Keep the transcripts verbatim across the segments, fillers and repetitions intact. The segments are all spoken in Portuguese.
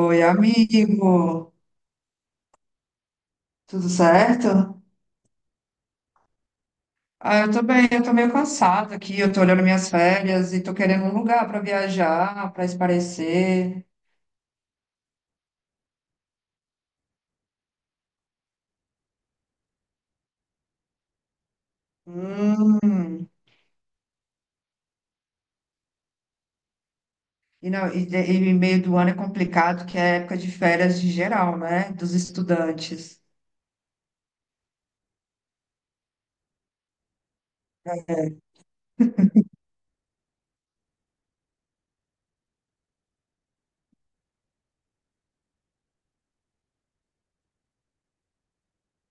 Oi, amigo, tudo certo? Ah, eu tô bem, eu tô meio cansada aqui, eu tô olhando minhas férias e tô querendo um lugar para viajar, para espairecer. Hum. E, não, e, de- e meio do ano é complicado, que é época de férias de geral, né? Dos estudantes. É.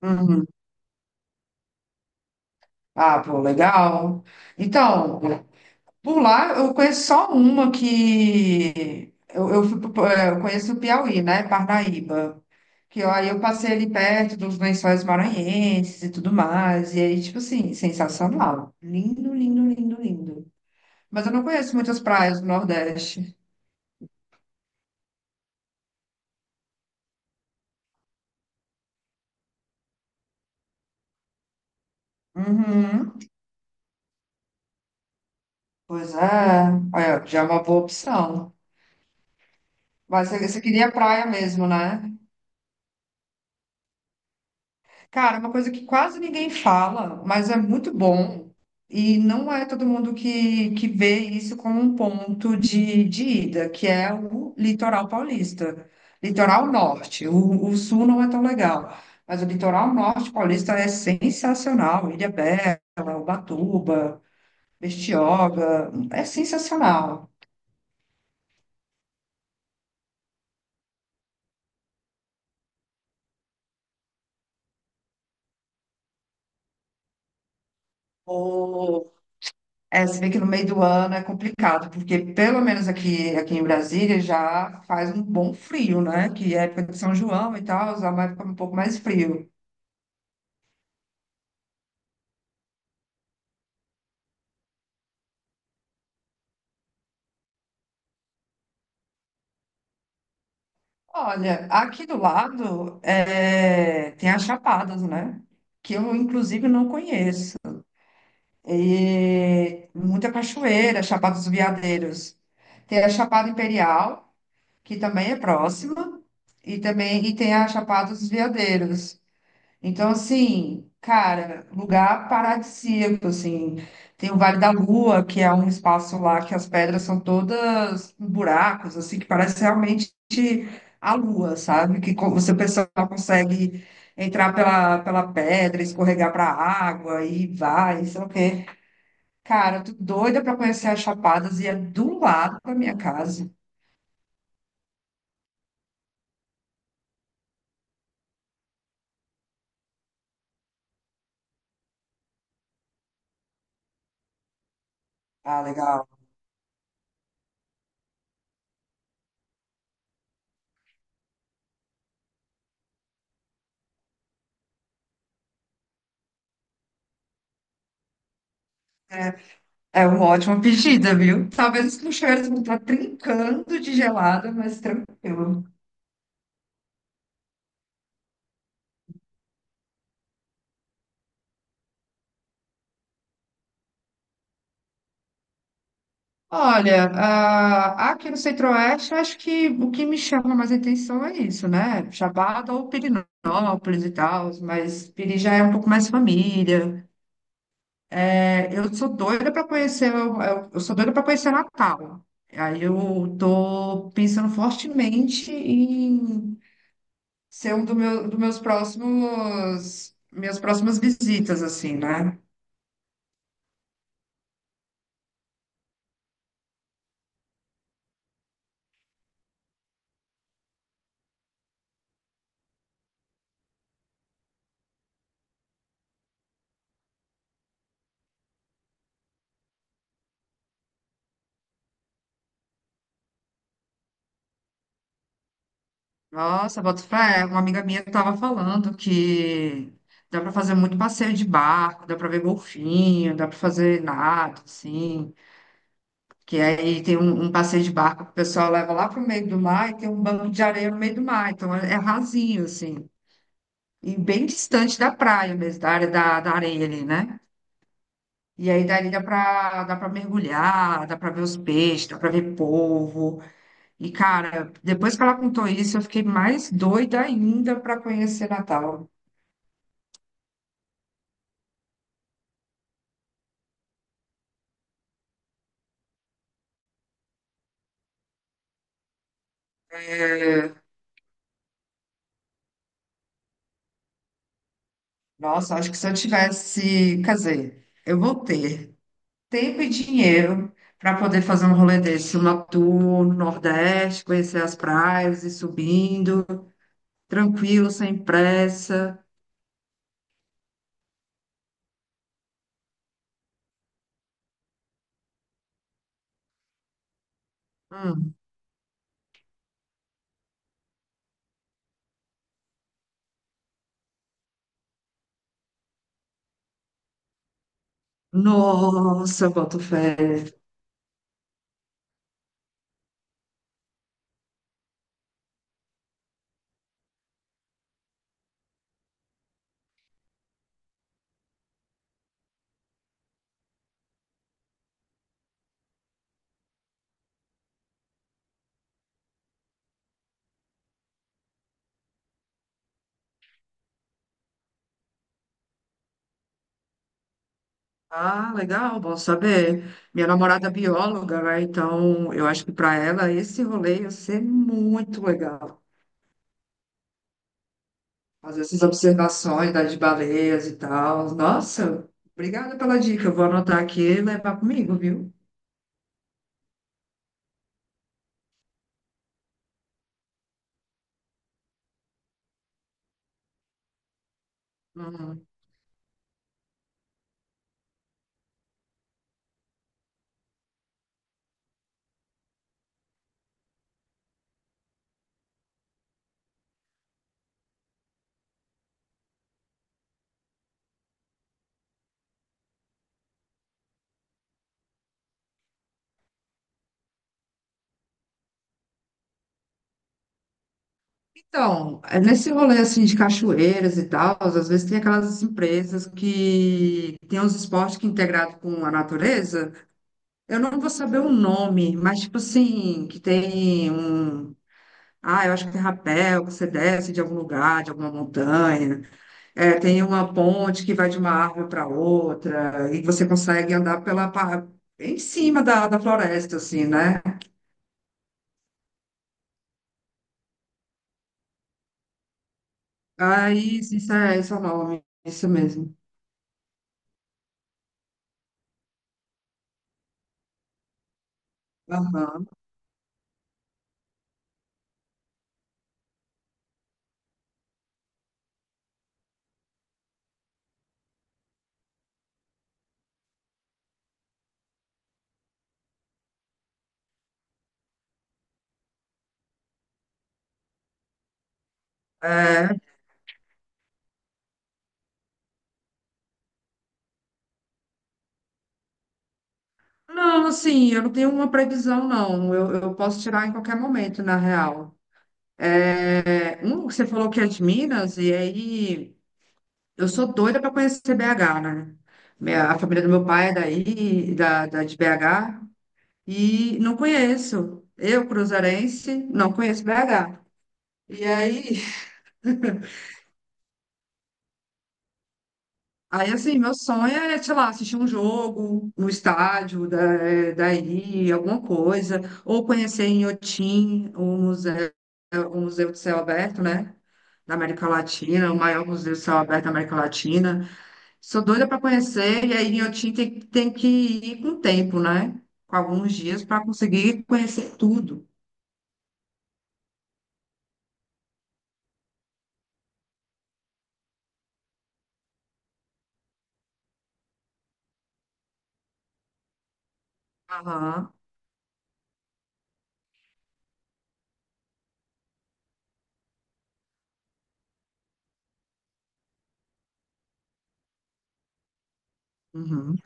Uhum. Ah, pô, legal. Então, por lá, eu conheço só uma que. Eu, eu, fui pro- eh, eu conheço o Piauí, né? Parnaíba. Que ó, aí eu passei ali perto dos lençóis maranhenses e tudo mais. E aí, tipo assim, sensacional. Lindo, lindo, lindo, lindo. Mas eu não conheço muitas praias do Nordeste. Uhum. Pois é. Olha, já é uma boa opção. Mas você, você queria praia mesmo, né? Cara, é uma coisa que quase ninguém fala, mas é muito bom, e não é todo mundo que, que vê isso como um ponto de, de ida, que é o litoral paulista, litoral norte. O, o sul não é tão legal, mas o litoral norte paulista é sensacional. Ilhabela, Ubatuba, Bertioga, é sensacional. É, se vê que no meio do ano é complicado, porque pelo menos aqui, aqui em Brasília já faz um bom frio, né? Que é a época de São João e tal, já vai ficar um pouco mais frio. Olha, aqui do lado é, tem as Chapadas, né? Que eu, inclusive, não conheço. E muita cachoeira, Chapada dos Veadeiros. Tem a Chapada Imperial, que também é próxima, e também e tem a Chapada dos Veadeiros. Então, assim, cara, lugar paradisíaco, assim. Tem o Vale da Lua, que é um espaço lá que as pedras são todas com buracos, assim, que parece realmente a lua, sabe? Que co- você, o pessoal consegue entrar pela, pela pedra, escorregar para a água e vai, sei lá o quê. Cara, eu tô doida para conhecer as Chapadas e é do lado da minha casa. Ah, legal. É, é uma ótima pedida, viu? Talvez os puxeiros vão estar trincando de gelada, mas tranquilo. Olha, ah, aqui no Centro-Oeste, eu acho que o que me chama mais atenção é isso, né? Chapada ou Pirinópolis e tal, mas Piri já é um pouco mais família. É, eu sou doida para conhecer, eu, eu- eu sou doida para conhecer Natal. Aí eu tô pensando fortemente em ser um do meu, dos meus próximos, minhas próximas visitas, assim, né? Nossa, boto fé. Uma amiga minha estava falando que dá para fazer muito passeio de barco, dá para ver golfinho, dá para fazer nado, assim. Que aí tem um, um passeio de barco que o pessoal leva lá para o meio do mar e tem um banco de areia no meio do mar. Então é, é rasinho, assim. E bem distante da praia mesmo, da área da, da areia ali, né? E aí dali dá para dá para mergulhar, dá para ver os peixes, dá para ver polvo. E, cara, depois que ela contou isso, eu fiquei mais doida ainda para conhecer Natal. Nossa, acho que se eu tivesse, quer dizer, eu vou ter tempo e dinheiro para poder fazer um rolê desse, uma tour no Nordeste, conhecer as praias e subindo, tranquilo, sem pressa. Hum. Nossa, eu boto fé. Ah, legal, bom saber. Minha namorada é bióloga, né? Então eu acho que para ela esse rolê ia ser muito legal. Fazer essas observações das baleias e tal. Nossa, obrigada pela dica. Eu vou anotar aqui e levar comigo, viu? Uhum. Então, é nesse rolê assim de cachoeiras e tal, às vezes tem aquelas empresas que tem uns esportes que é integrado com a natureza. Eu não vou saber o nome, mas tipo assim, que tem um, ah, eu acho que é rapel, que você desce de algum lugar, de alguma montanha. É, tem uma ponte que vai de uma árvore para outra, e você consegue andar pela, pa- em cima da, da floresta, assim, né? Aí, isso isso é, esse é o nome, isso mesmo. Aham. É, não, assim, eu não tenho uma previsão, não. Eu, eu posso tirar em qualquer momento, na real. É, um, você falou que é de Minas, e aí eu sou doida para conhecer B H, né? Minha- a família do meu pai é daí, da, da, de B H. E não conheço. Eu, cruzeirense, não conheço B H. E aí, aí assim, meu sonho é, sei lá, assistir um jogo no estádio da, daí, alguma coisa, ou conhecer em Inhotim, o museu, o Museu de Céu Aberto, né? Da América Latina, o maior museu de céu aberto da América Latina. Sou doida para conhecer, e aí em Inhotim tem, tem que ir com tempo, né? Com alguns dias para conseguir conhecer tudo. Aham. Uhum.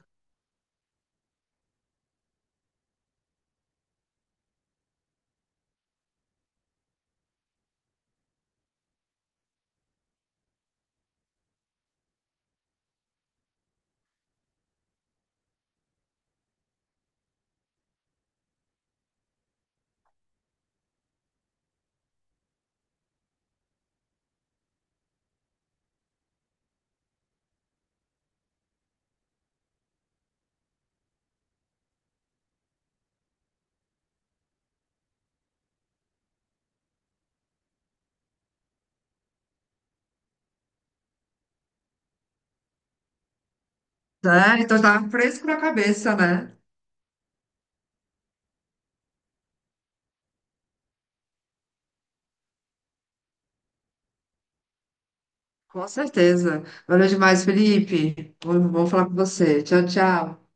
Sério, então tá fresco na cabeça, né? Com certeza. Valeu demais, Felipe. Vamos falar com você. Tchau, tchau.